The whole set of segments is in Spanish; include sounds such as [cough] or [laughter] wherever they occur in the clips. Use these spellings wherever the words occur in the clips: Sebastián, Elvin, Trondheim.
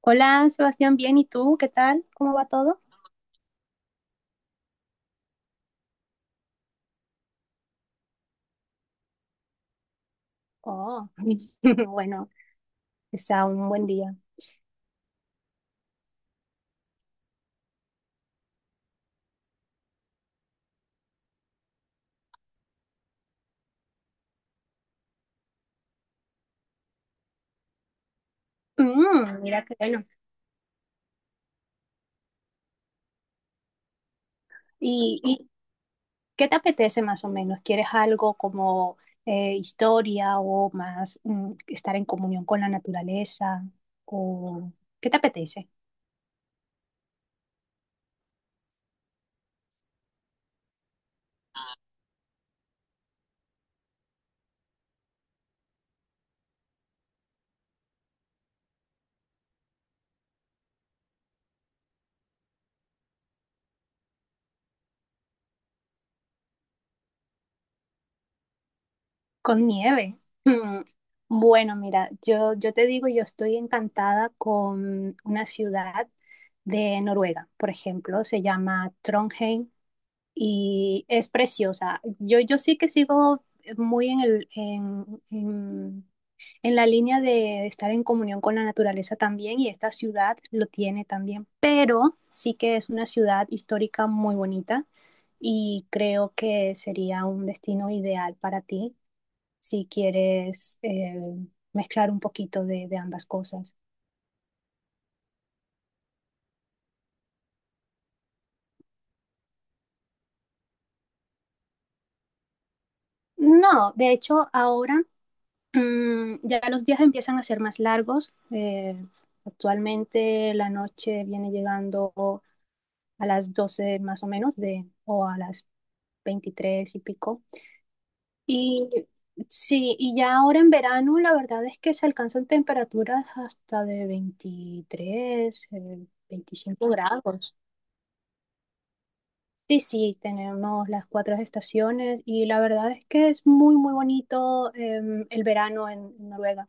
Hola, Sebastián, bien, ¿y tú? ¿Qué tal? ¿Cómo va todo? Oh, [laughs] bueno, está un buen día. Mira qué bueno. ¿Y qué te apetece más o menos? ¿Quieres algo como historia o más estar en comunión con la naturaleza? ¿O qué te apetece? Con nieve. Mm, Bueno, mira, yo te digo, yo estoy encantada con una ciudad de Noruega, por ejemplo, se llama Trondheim. Y es preciosa. Yo sí que sigo muy en la línea de estar en comunión con la naturaleza también y esta ciudad lo tiene también, pero sí que es una ciudad histórica muy bonita y creo que sería un destino ideal para ti si quieres mezclar un poquito de ambas cosas. No, de hecho, ahora ya los días empiezan a ser más largos. Actualmente la noche viene llegando a las 12 más o menos o a las 23 y pico. Y sí, y ya ahora en verano la verdad es que se alcanzan temperaturas hasta de 25 grados. Sí, sí, tenemos las cuatro estaciones y la verdad es que es muy, muy bonito el verano en Noruega.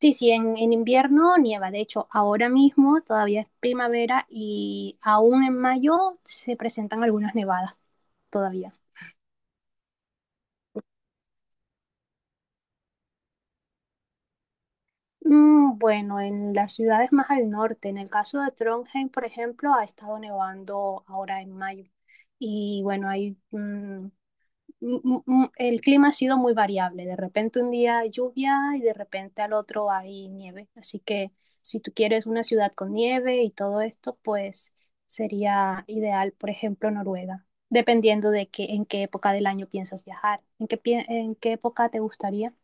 Sí, sí, en invierno nieva. De hecho, ahora mismo todavía es primavera y aún en mayo se presentan algunas nevadas todavía. Bueno, en las ciudades más al norte, en el caso de Trondheim, por ejemplo, ha estado nevando ahora en mayo. Y bueno, hay el clima ha sido muy variable. De repente un día hay lluvia y de repente al otro hay nieve. Así que si tú quieres una ciudad con nieve y todo esto, pues sería ideal, por ejemplo, Noruega, dependiendo de que en qué época del año piensas viajar. En qué época te gustaría?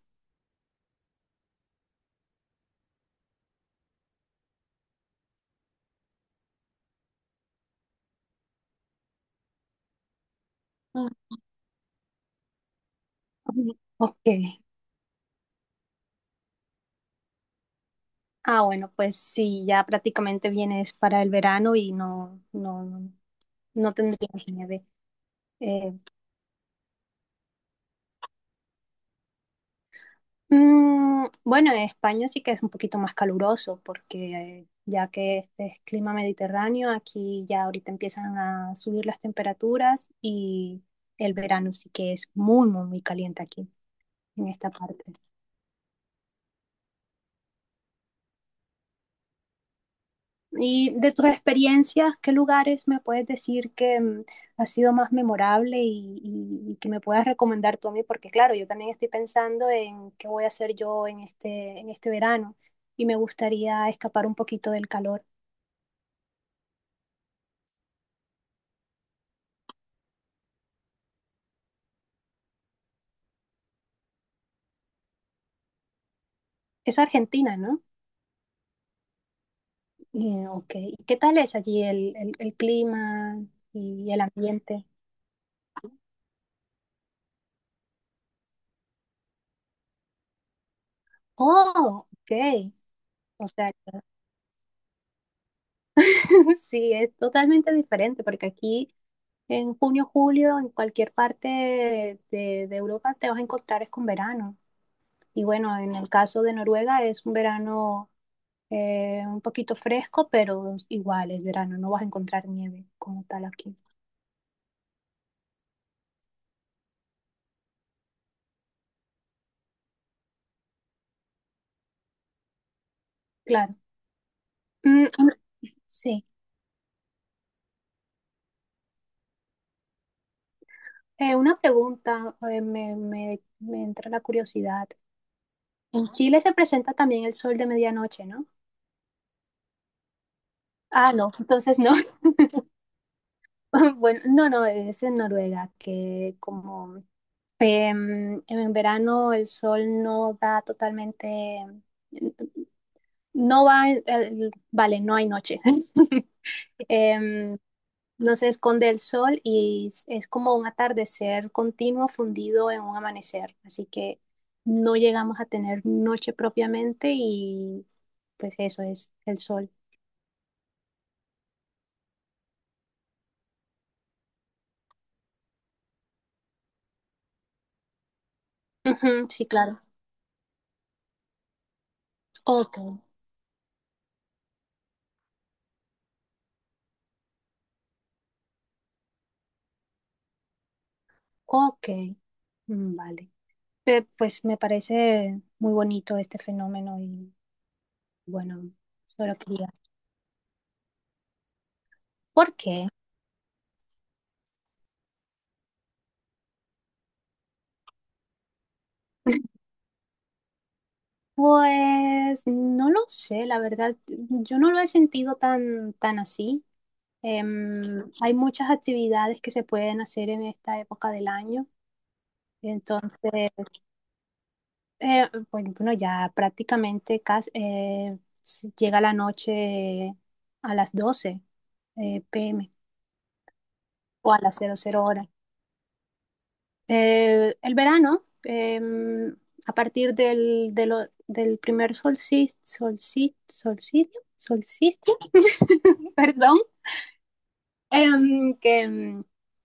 Ujú. Ok. Ah, bueno, pues sí, ya prácticamente vienes para el verano y no tendrías nieve. Eh, bueno, en España sí que es un poquito más caluroso porque ya que este es clima mediterráneo, aquí ya ahorita empiezan a subir las temperaturas y el verano sí que es muy, muy, muy caliente aquí en esta parte. Y de tus experiencias, ¿qué lugares me puedes decir que ha sido más memorable y, y que me puedas recomendar tú a mí? Porque claro, yo también estoy pensando en qué voy a hacer yo en en este verano y me gustaría escapar un poquito del calor. Es Argentina, ¿no? Ok. ¿Y ¿Qué tal es allí el clima y el ambiente? Oh, ok. O sea, [laughs] sí, es totalmente diferente porque aquí en junio, julio, en cualquier parte de Europa te vas a encontrar es con verano. Y bueno, en el caso de Noruega es un verano un poquito fresco, pero igual es verano, no vas a encontrar nieve como tal aquí. Claro. Mm, mm, sí. Una pregunta, me entra la curiosidad. En Chile se presenta también el sol de medianoche, ¿no? Ah, no, entonces no. [laughs] Bueno, no, no, es en Noruega, que como en verano el sol no da totalmente, no va, el- vale, no hay noche. [laughs] Em, No se esconde el sol y es como un atardecer continuo fundido en un amanecer. Así que no llegamos a tener noche propiamente y pues eso es el sol. Ujú, sí, claro. Ok, ok. Vale. Pues me parece muy bonito este fenómeno y bueno, solo quería. ¿Por qué? Pues no lo sé, la verdad, yo no lo he sentido tan, tan así. Hay muchas actividades que se pueden hacer en esta época del año. Entonces, bueno, ya prácticamente casi, se llega la noche a las 12 p.m. o a las 00:00 horas. El verano, a partir del primer solsticio, [laughs] perdón, Em, que, em,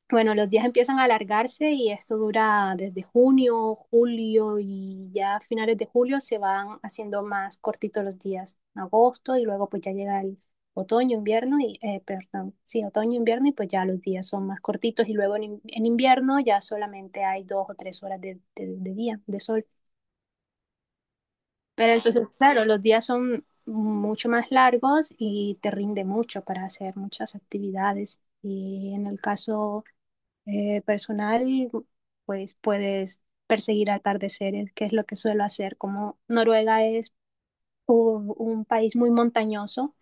bueno, los días empiezan a alargarse y esto dura desde junio, julio y ya a finales de julio se van haciendo más cortitos los días, agosto y luego pues ya llega el otoño, invierno y, perdón, sí, otoño, invierno y pues ya los días son más cortitos y luego en invierno ya solamente hay dos o tres horas de día, de sol. Pero entonces, claro, los días son mucho más largos y te rinde mucho para hacer muchas actividades. Y en el caso personal, pues puedes perseguir atardeceres, que es lo que suelo hacer. Como Noruega es un país muy montañoso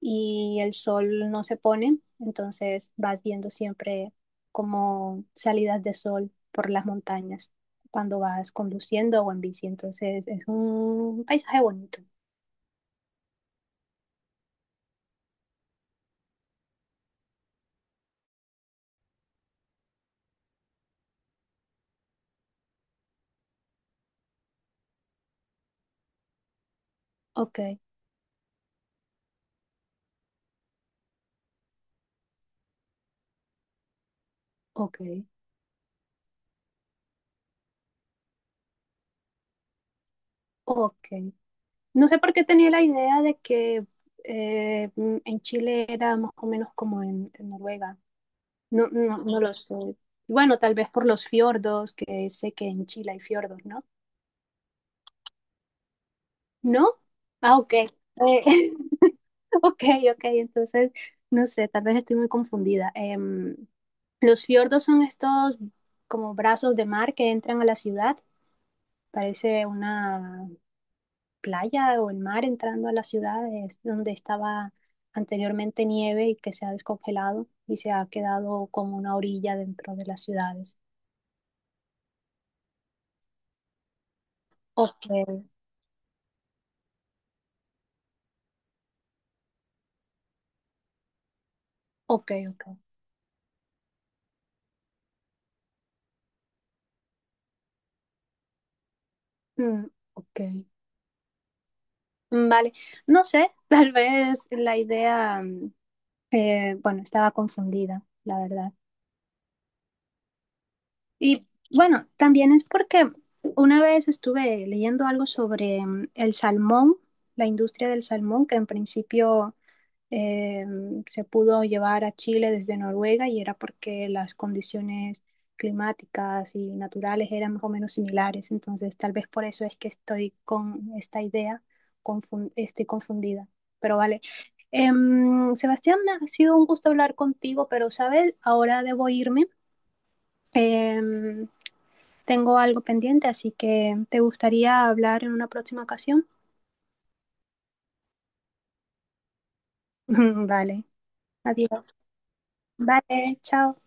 y el sol no se pone, entonces vas viendo siempre como salidas de sol por las montañas cuando vas conduciendo o en bici. Entonces es un paisaje bonito. Ok, ok, ok. No sé por qué tenía la idea de que en Chile era más o menos como en Noruega. No lo sé. Bueno, tal vez por los fiordos, que sé que en Chile hay fiordos, ¿no? ¿No? Ah, ok. [laughs] Ok, ok, entonces, no sé, tal vez estoy muy confundida. Los fiordos son estos como brazos de mar que entran a la ciudad. Parece una playa o el mar entrando a las ciudades donde estaba anteriormente nieve y que se ha descongelado y se ha quedado como una orilla dentro de las ciudades. Ok, ok. Mm, ok. Vale, no sé, [laughs] tal vez la idea, bueno, estaba confundida, la verdad. Y bueno, también es porque una vez estuve leyendo algo sobre el salmón, la industria del salmón, que en principio eh, se pudo llevar a Chile desde Noruega y era porque las condiciones climáticas y naturales eran más o menos similares. Entonces, tal vez por eso es que estoy con esta idea, estoy confundida. Pero vale. Sebastián, me ha sido un gusto hablar contigo, pero sabes, ahora debo irme. Em, Tengo algo pendiente, así que ¿te gustaría hablar en una próxima ocasión? [laughs] Vale, adiós. Vale, chao.